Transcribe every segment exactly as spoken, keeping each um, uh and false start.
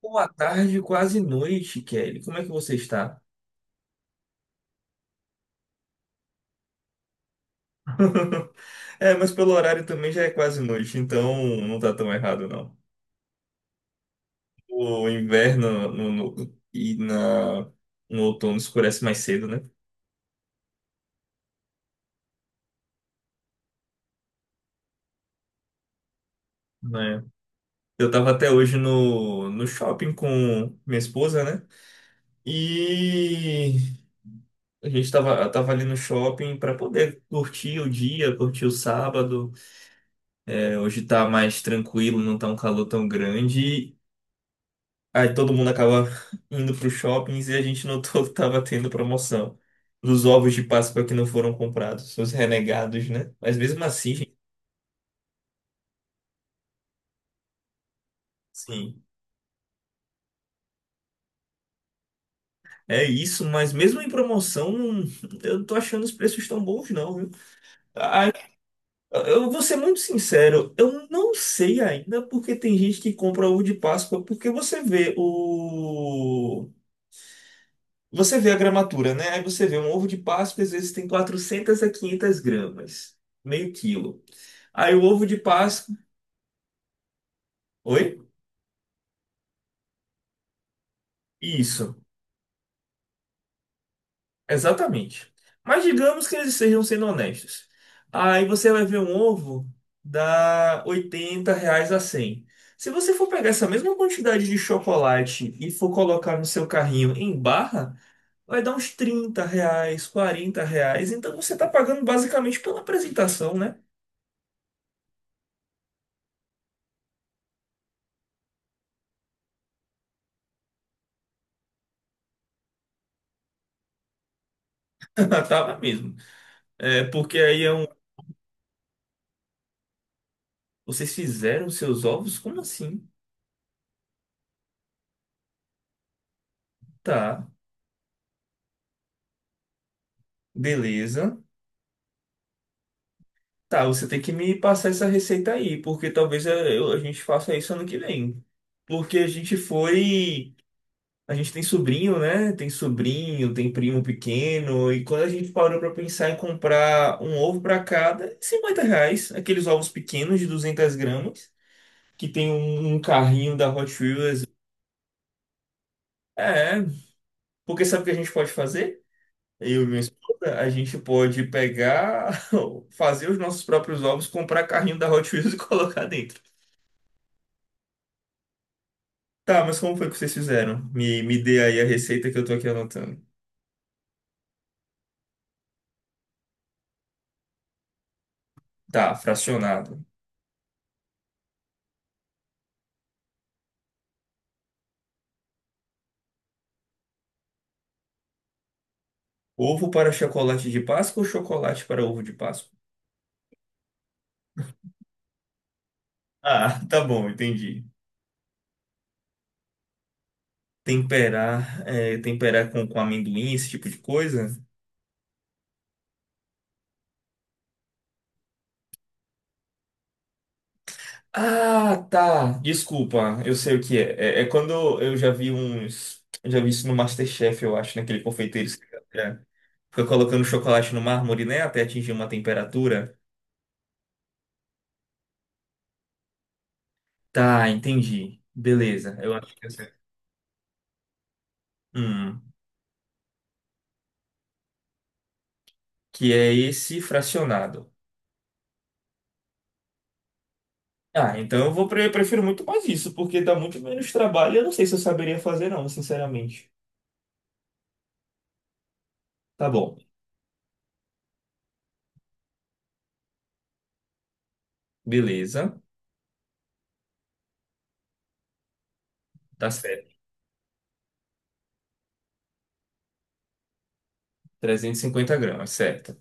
Boa tarde, quase noite, Kelly. Como é que você está? É, mas pelo horário também já é quase noite, então não tá tão errado, não. O inverno no- no- e na, no outono escurece mais cedo, né? Né? Eu tava até hoje no, no shopping com minha esposa, né? E a gente tava, tava ali no shopping para poder curtir o dia, curtir o sábado. É, hoje tá mais tranquilo, não tá um calor tão grande. Aí todo mundo acaba indo para os shoppings e a gente notou que estava tendo promoção dos ovos de Páscoa que não foram comprados, os renegados, né? Mas mesmo assim, gente, sim, é isso. Mas mesmo em promoção, não- eu não tô achando os preços tão bons, não, viu? Ah, eu vou ser muito sincero, eu não sei ainda porque tem gente que compra ovo de Páscoa, porque você vê o você vê a gramatura, né? Aí você vê um ovo de Páscoa, às vezes tem quatrocentas a quinhentas gramas, meio quilo. Aí o ovo de Páscoa. Oi? Isso, exatamente. Mas digamos que eles sejam sendo honestos. Aí você vai ver um ovo dá oitenta reais a cem. Se você for pegar essa mesma quantidade de chocolate e for colocar no seu carrinho em barra, vai dar uns trinta reais, quarenta reais. Então você está pagando basicamente pela apresentação, né? Tava mesmo. É, porque aí é um. Vocês fizeram os seus ovos? Como assim? Tá, beleza. Tá, você tem que me passar essa receita aí, porque talvez eh, eu- a gente faça isso ano que vem. Porque a gente foi. A gente tem sobrinho, né? Tem sobrinho, tem primo pequeno, e quando a gente parou pra pensar em comprar um ovo pra cada, cinquenta reais, aqueles ovos pequenos de duzentas gramas, que tem um, um carrinho da Hot Wheels. É, porque sabe o que a gente pode fazer? Eu e minha esposa, a gente pode pegar, fazer os nossos próprios ovos, comprar carrinho da Hot Wheels e colocar dentro. Tá, mas como foi que vocês fizeram? Me, me dê aí a receita que eu tô aqui anotando. Tá, fracionado. Ovo para chocolate de Páscoa ou chocolate para ovo de Páscoa? Ah, tá bom, entendi. Temperar, é, temperar com, com amendoim, esse tipo de coisa? Ah, tá. Desculpa, eu sei o que é. É, é quando eu já vi uns. Eu já vi isso no MasterChef, eu acho, naquele confeiteiro. Fica colocando chocolate no mármore, né? Até atingir uma temperatura. Tá, entendi. Beleza. Eu acho que é certo. Hum, que é esse fracionado. Ah, então eu vou pre- prefiro muito mais isso, porque dá muito menos trabalho. Eu não sei se eu saberia fazer, não, sinceramente. Tá bom. Beleza. Tá certo. Trezentos e cinquenta gramas, certo.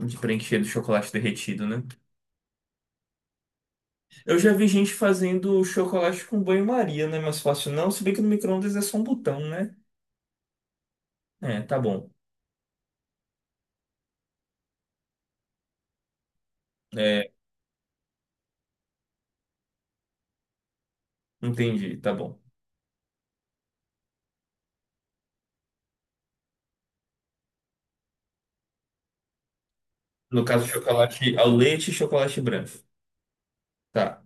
De preencher do chocolate derretido, né? Eu já vi gente fazendo chocolate com banho-maria, né? Mais fácil não. Se bem que no micro-ondas é só um botão, né? É, tá bom. É, entendi, tá bom. No caso, chocolate ao leite e chocolate branco. Tá.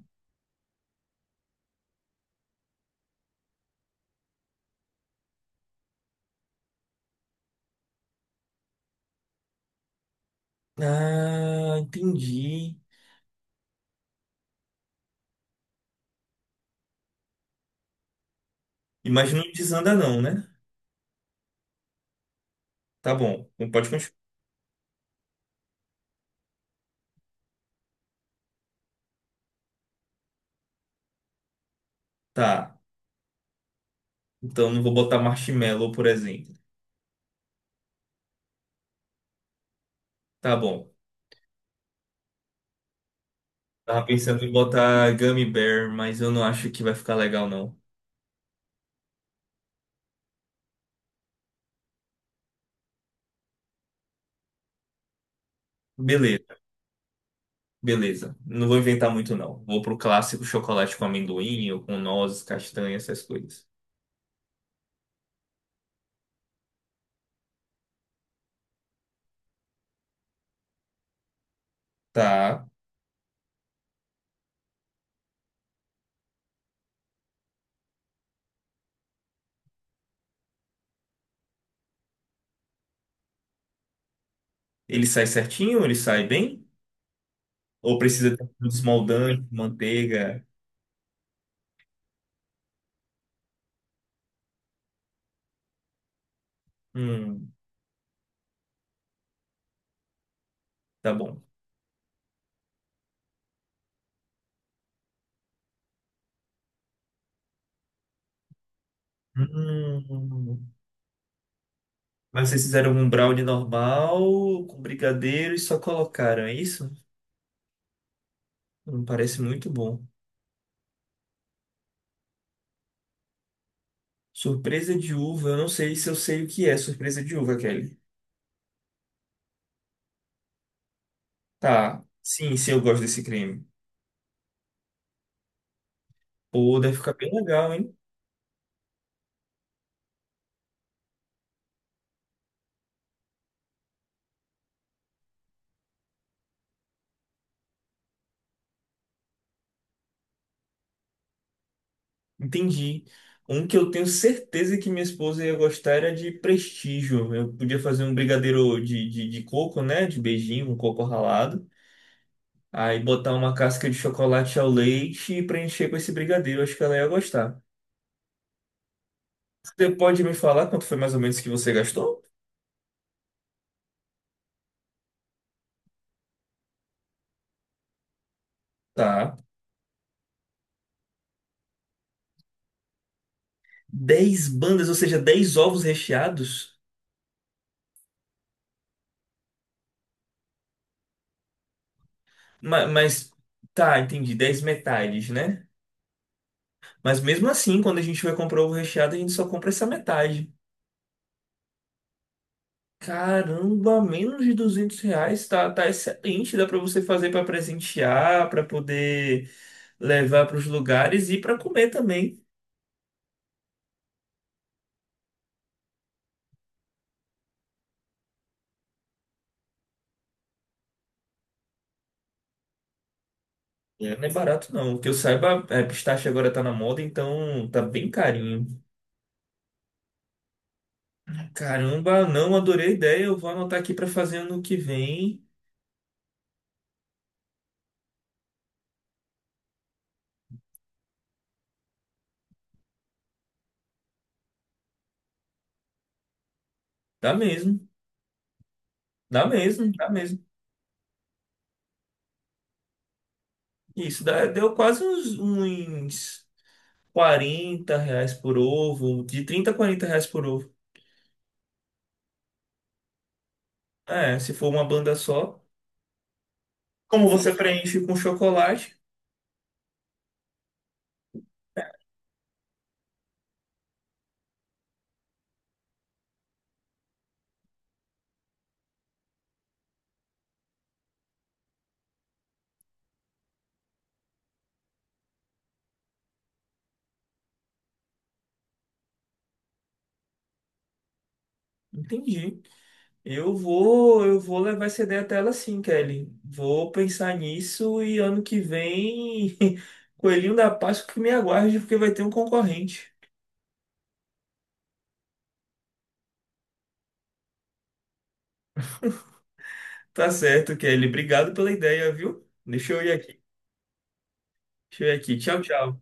Ah, entendi. Mas não desanda não, né? Tá bom. Não pode continuar. Tá. Então não vou botar marshmallow, por exemplo. Tá bom. Tava pensando em botar gummy bear, mas eu não acho que vai ficar legal, não. Beleza, beleza. Não vou inventar muito, não. Vou pro clássico chocolate com amendoim ou com nozes, castanha, essas coisas. Tá. Ele sai certinho? Ele sai bem? Ou precisa ter um desmoldante, manteiga? Hum, tá bom. Hum. Mas vocês fizeram um brownie normal com brigadeiro e só colocaram, é isso? Não parece muito bom. Surpresa de uva, eu não sei se eu sei o que é surpresa de uva, Kelly. Tá, sim, sim, eu gosto desse creme. Pô, deve ficar bem legal, hein? Entendi. Um que eu tenho certeza que minha esposa ia gostar era de prestígio. Eu podia fazer um brigadeiro de, de, de coco, né? De beijinho, um coco ralado. Aí botar uma casca de chocolate ao leite e preencher com esse brigadeiro. Acho que ela ia gostar. Você pode me falar quanto foi mais ou menos que você gastou? Tá. Dez bandas, ou seja, dez ovos recheados? Ma- Mas, tá, entendi. Dez metades, né? Mas mesmo assim, quando a gente vai comprar ovo recheado, a gente só compra essa metade. Caramba, menos de duzentos reais. Tá, tá excelente. Dá pra você fazer pra presentear, pra poder levar pros lugares e pra comer também. É, não é barato, não. Que eu saiba, é, pistache agora tá na moda, então tá bem carinho. Caramba, não, adorei a ideia. Eu vou anotar aqui para fazer ano que vem. Dá mesmo, dá mesmo, dá mesmo. Isso, dá- deu quase uns, uns quarenta reais por ovo, de trinta a quarenta reais por ovo. É, se for uma banda só. Como você preenche com chocolate, entendi. Eu vou, eu vou levar essa ideia até ela sim, Kelly. Vou pensar nisso e ano que vem, coelhinho da Páscoa que me aguarde, porque vai ter um concorrente. Tá certo, Kelly. Obrigado pela ideia, viu? Deixa eu ir aqui. Deixa eu ir aqui. Tchau, tchau.